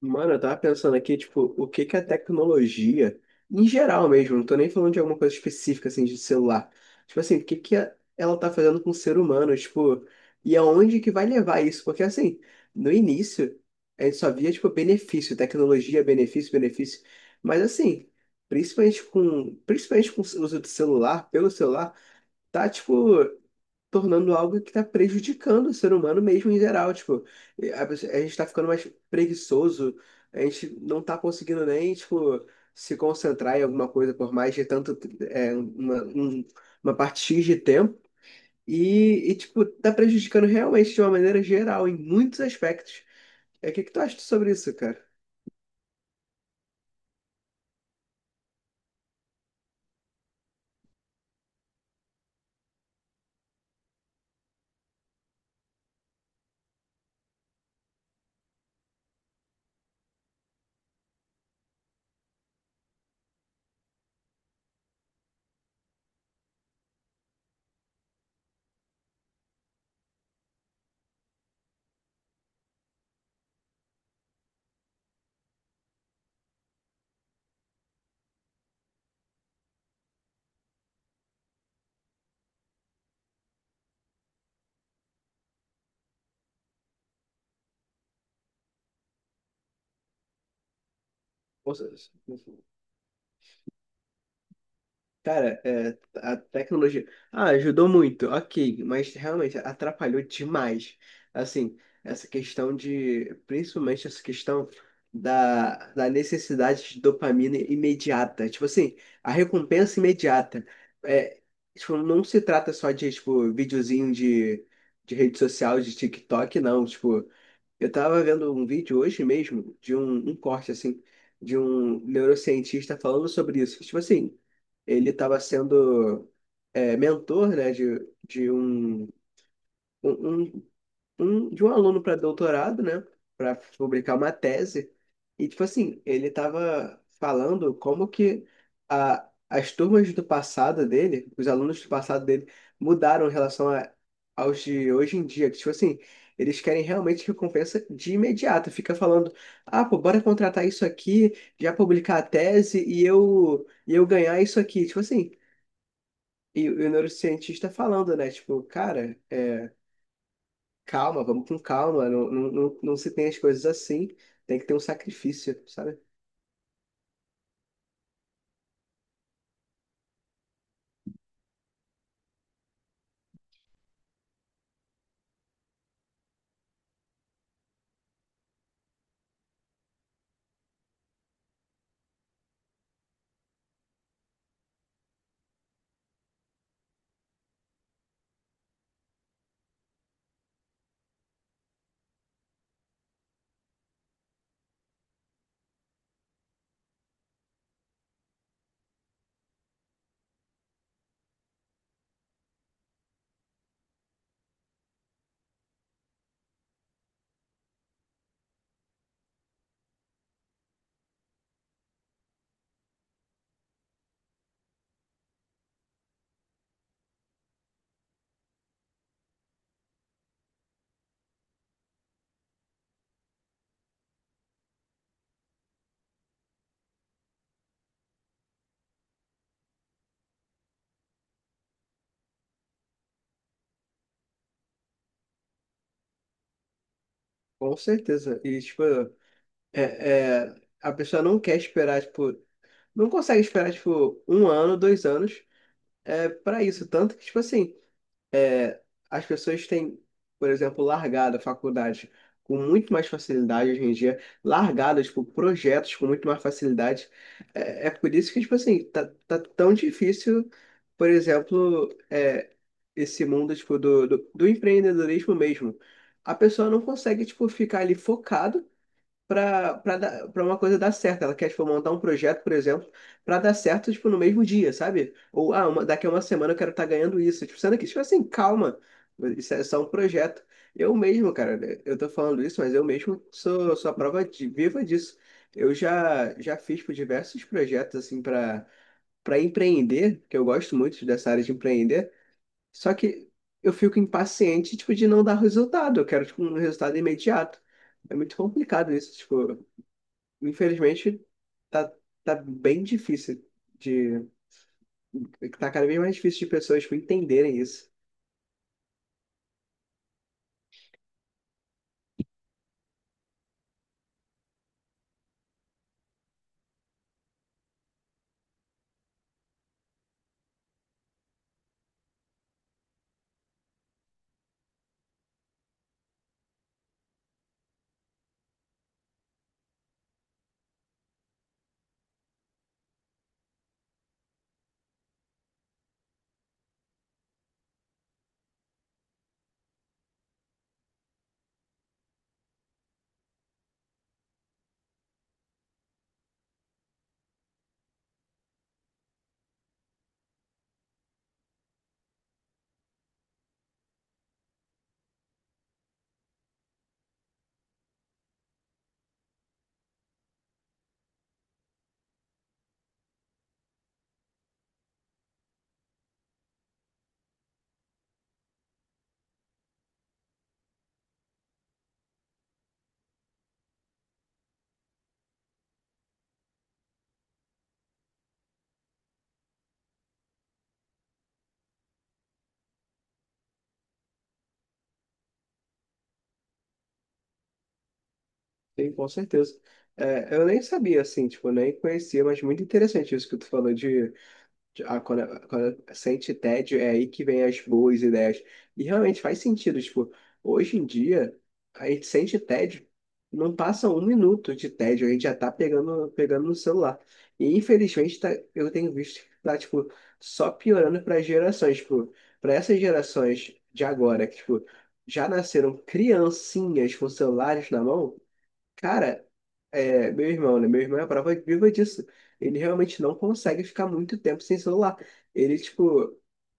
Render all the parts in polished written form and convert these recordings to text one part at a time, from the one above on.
Mano, eu tava pensando aqui, tipo, o que que a tecnologia, em geral mesmo, não tô nem falando de alguma coisa específica, assim, de celular. Tipo assim, o que que ela tá fazendo com o ser humano, tipo, e aonde que vai levar isso? Porque, assim, no início, a gente só via, tipo, benefício, tecnologia, benefício, benefício. Mas, assim, principalmente com o uso do celular, pelo celular, tá, tipo tornando algo que está prejudicando o ser humano mesmo em geral. Tipo, a gente está ficando mais preguiçoso, a gente não está conseguindo nem, tipo, se concentrar em alguma coisa por mais de tanto, é, uma, um- uma parte X de tempo. E, tipo, tá prejudicando realmente de uma maneira geral, em muitos aspectos. O que que tu acha sobre isso, cara? Ou seja, cara, a tecnologia. Ah, ajudou muito, ok, mas realmente atrapalhou demais. Assim, essa questão de. Principalmente essa questão da necessidade de dopamina imediata. Tipo assim, a recompensa imediata. É, tipo, não se trata só de, tipo, videozinho de rede social, de TikTok, não. Tipo, eu tava vendo um vídeo hoje mesmo de um corte, assim, de um neurocientista falando sobre isso. Tipo assim, ele tava sendo mentor, né, de um, um, um um, de um aluno para doutorado, né? Para publicar uma tese. E, tipo assim, ele estava falando como que as turmas do passado dele, os alunos do passado dele, mudaram em relação aos de hoje em dia. Que, tipo assim, eles querem realmente recompensa de imediato. Fica falando, ah, pô, bora contratar isso aqui, já publicar a tese e eu ganhar isso aqui. Tipo assim. E o neurocientista falando, né? Tipo, cara, calma, vamos com calma. Não, não, não, não se tem as coisas assim. Tem que ter um sacrifício, sabe? Com certeza. E, tipo, é, a pessoa não quer esperar, tipo, não consegue esperar, tipo, um ano, 2 anos para isso. Tanto que, tipo assim. é, as pessoas têm, por exemplo, largado a faculdade com muito mais facilidade hoje em dia, largado, tipo, projetos com muito mais facilidade. É por isso que, tipo assim, tá tão difícil, por exemplo, esse mundo, tipo, do empreendedorismo mesmo. A pessoa não consegue, tipo, ficar ali focado para uma coisa dar certo. Ela quer, tipo, montar um projeto, por exemplo, para dar certo, tipo, no mesmo dia, sabe? Ou, ah, daqui a uma semana eu quero estar ganhando isso. Tipo, sendo que, tipo assim, calma, isso é só um projeto. Eu mesmo, cara, né, eu tô falando isso, mas eu mesmo sou a prova viva disso. Eu já fiz, tipo, diversos projetos, assim, para empreender, que eu gosto muito dessa área de empreender, só que eu fico impaciente, tipo, de não dar resultado. Eu quero, tipo, um resultado imediato. É muito complicado isso, tipo, infelizmente, tá, tá bem difícil de. Tá cada vez mais difícil de pessoas, tipo, entenderem isso. Sim, com certeza. Eu nem sabia, assim, tipo, nem conhecia, mas muito interessante isso que tu falou de. Ah, quando sente tédio, é aí que vem as boas ideias. E realmente faz sentido, tipo, hoje em dia, a gente sente tédio, não passa um minuto de tédio, a gente já tá pegando no celular. E infelizmente, tá, eu tenho visto que tá, tipo, só piorando para gerações, tipo, para essas gerações de agora, que, tipo, já nasceram criancinhas com celulares na mão. Cara, meu irmão, né? Meu irmão é a prova viva disso. Ele realmente não consegue ficar muito tempo sem celular. Ele, tipo,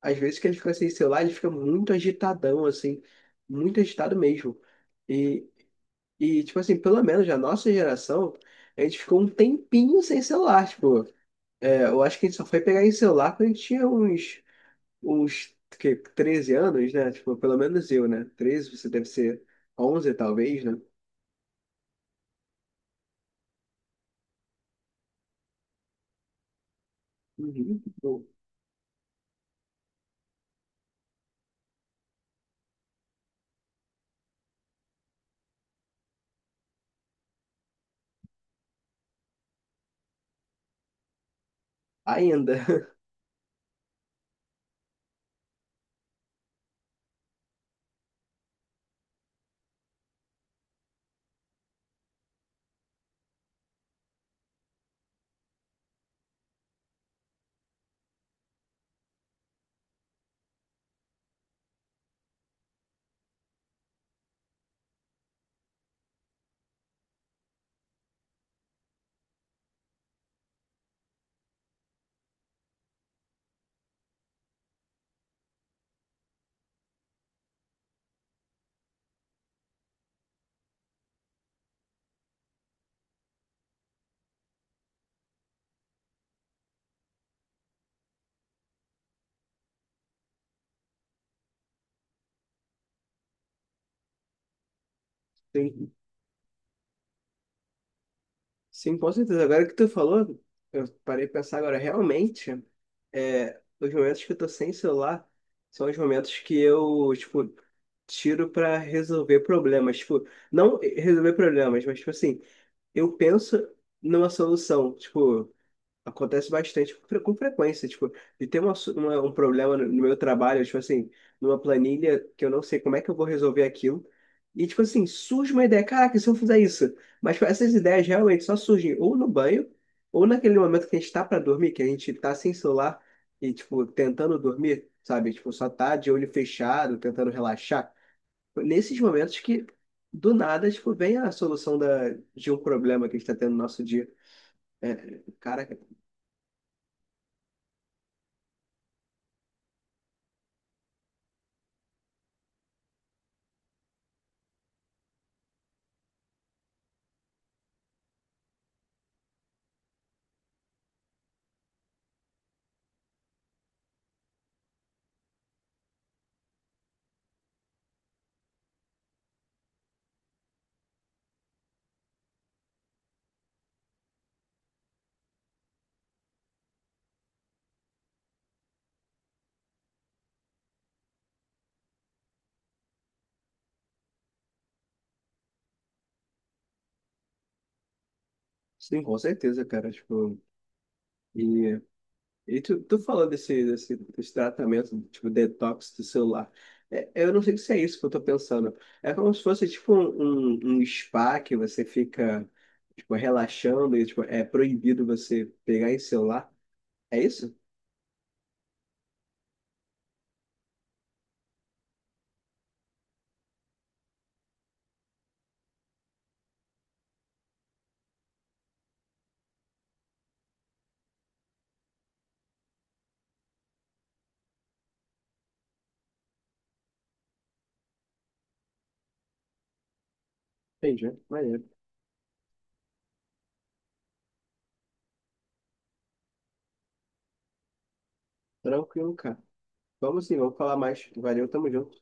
às vezes que ele fica sem celular, ele fica muito agitadão, assim, muito agitado mesmo. E, e tipo assim, pelo menos a nossa geração, a gente ficou um tempinho sem celular, tipo, eu acho que a gente só foi pegar em celular quando a gente tinha uns, 13 anos, né? Tipo, pelo menos eu, né? 13, você deve ser 11 talvez, né? Uhum. Ainda. Sim, sim, com certeza. Agora que tu falou, eu parei de pensar agora, realmente, os momentos que eu tô sem celular são os momentos que eu, tipo, tiro pra resolver problemas. Tipo, não resolver problemas, mas, tipo assim, eu penso numa solução. Tipo, acontece bastante, com com frequência, tipo, de ter um problema no meu trabalho, tipo assim, numa planilha que eu não sei como é que eu vou resolver aquilo. E, tipo assim, surge uma ideia, caraca, e se eu fizer isso? Mas tipo, essas ideias realmente só surgem ou no banho, ou naquele momento que a gente tá pra dormir, que a gente tá sem celular e, tipo, tentando dormir, sabe? Tipo, só tá de olho fechado, tentando relaxar. Nesses momentos que, do nada, tipo, vem a solução de um problema que a gente tá tendo no nosso dia. É, cara. Sim, com certeza, cara. Tipo, e, e tu falou desse tratamento, tipo, detox do celular. Eu não sei se é isso que eu tô pensando. É como se fosse, tipo, um spa que você fica, tipo, relaxando e, tipo, é proibido você pegar em celular. É isso? Entendi. Maneiro. Tranquilo, cara. Vamos sim, vamos falar mais. Valeu, tamo junto.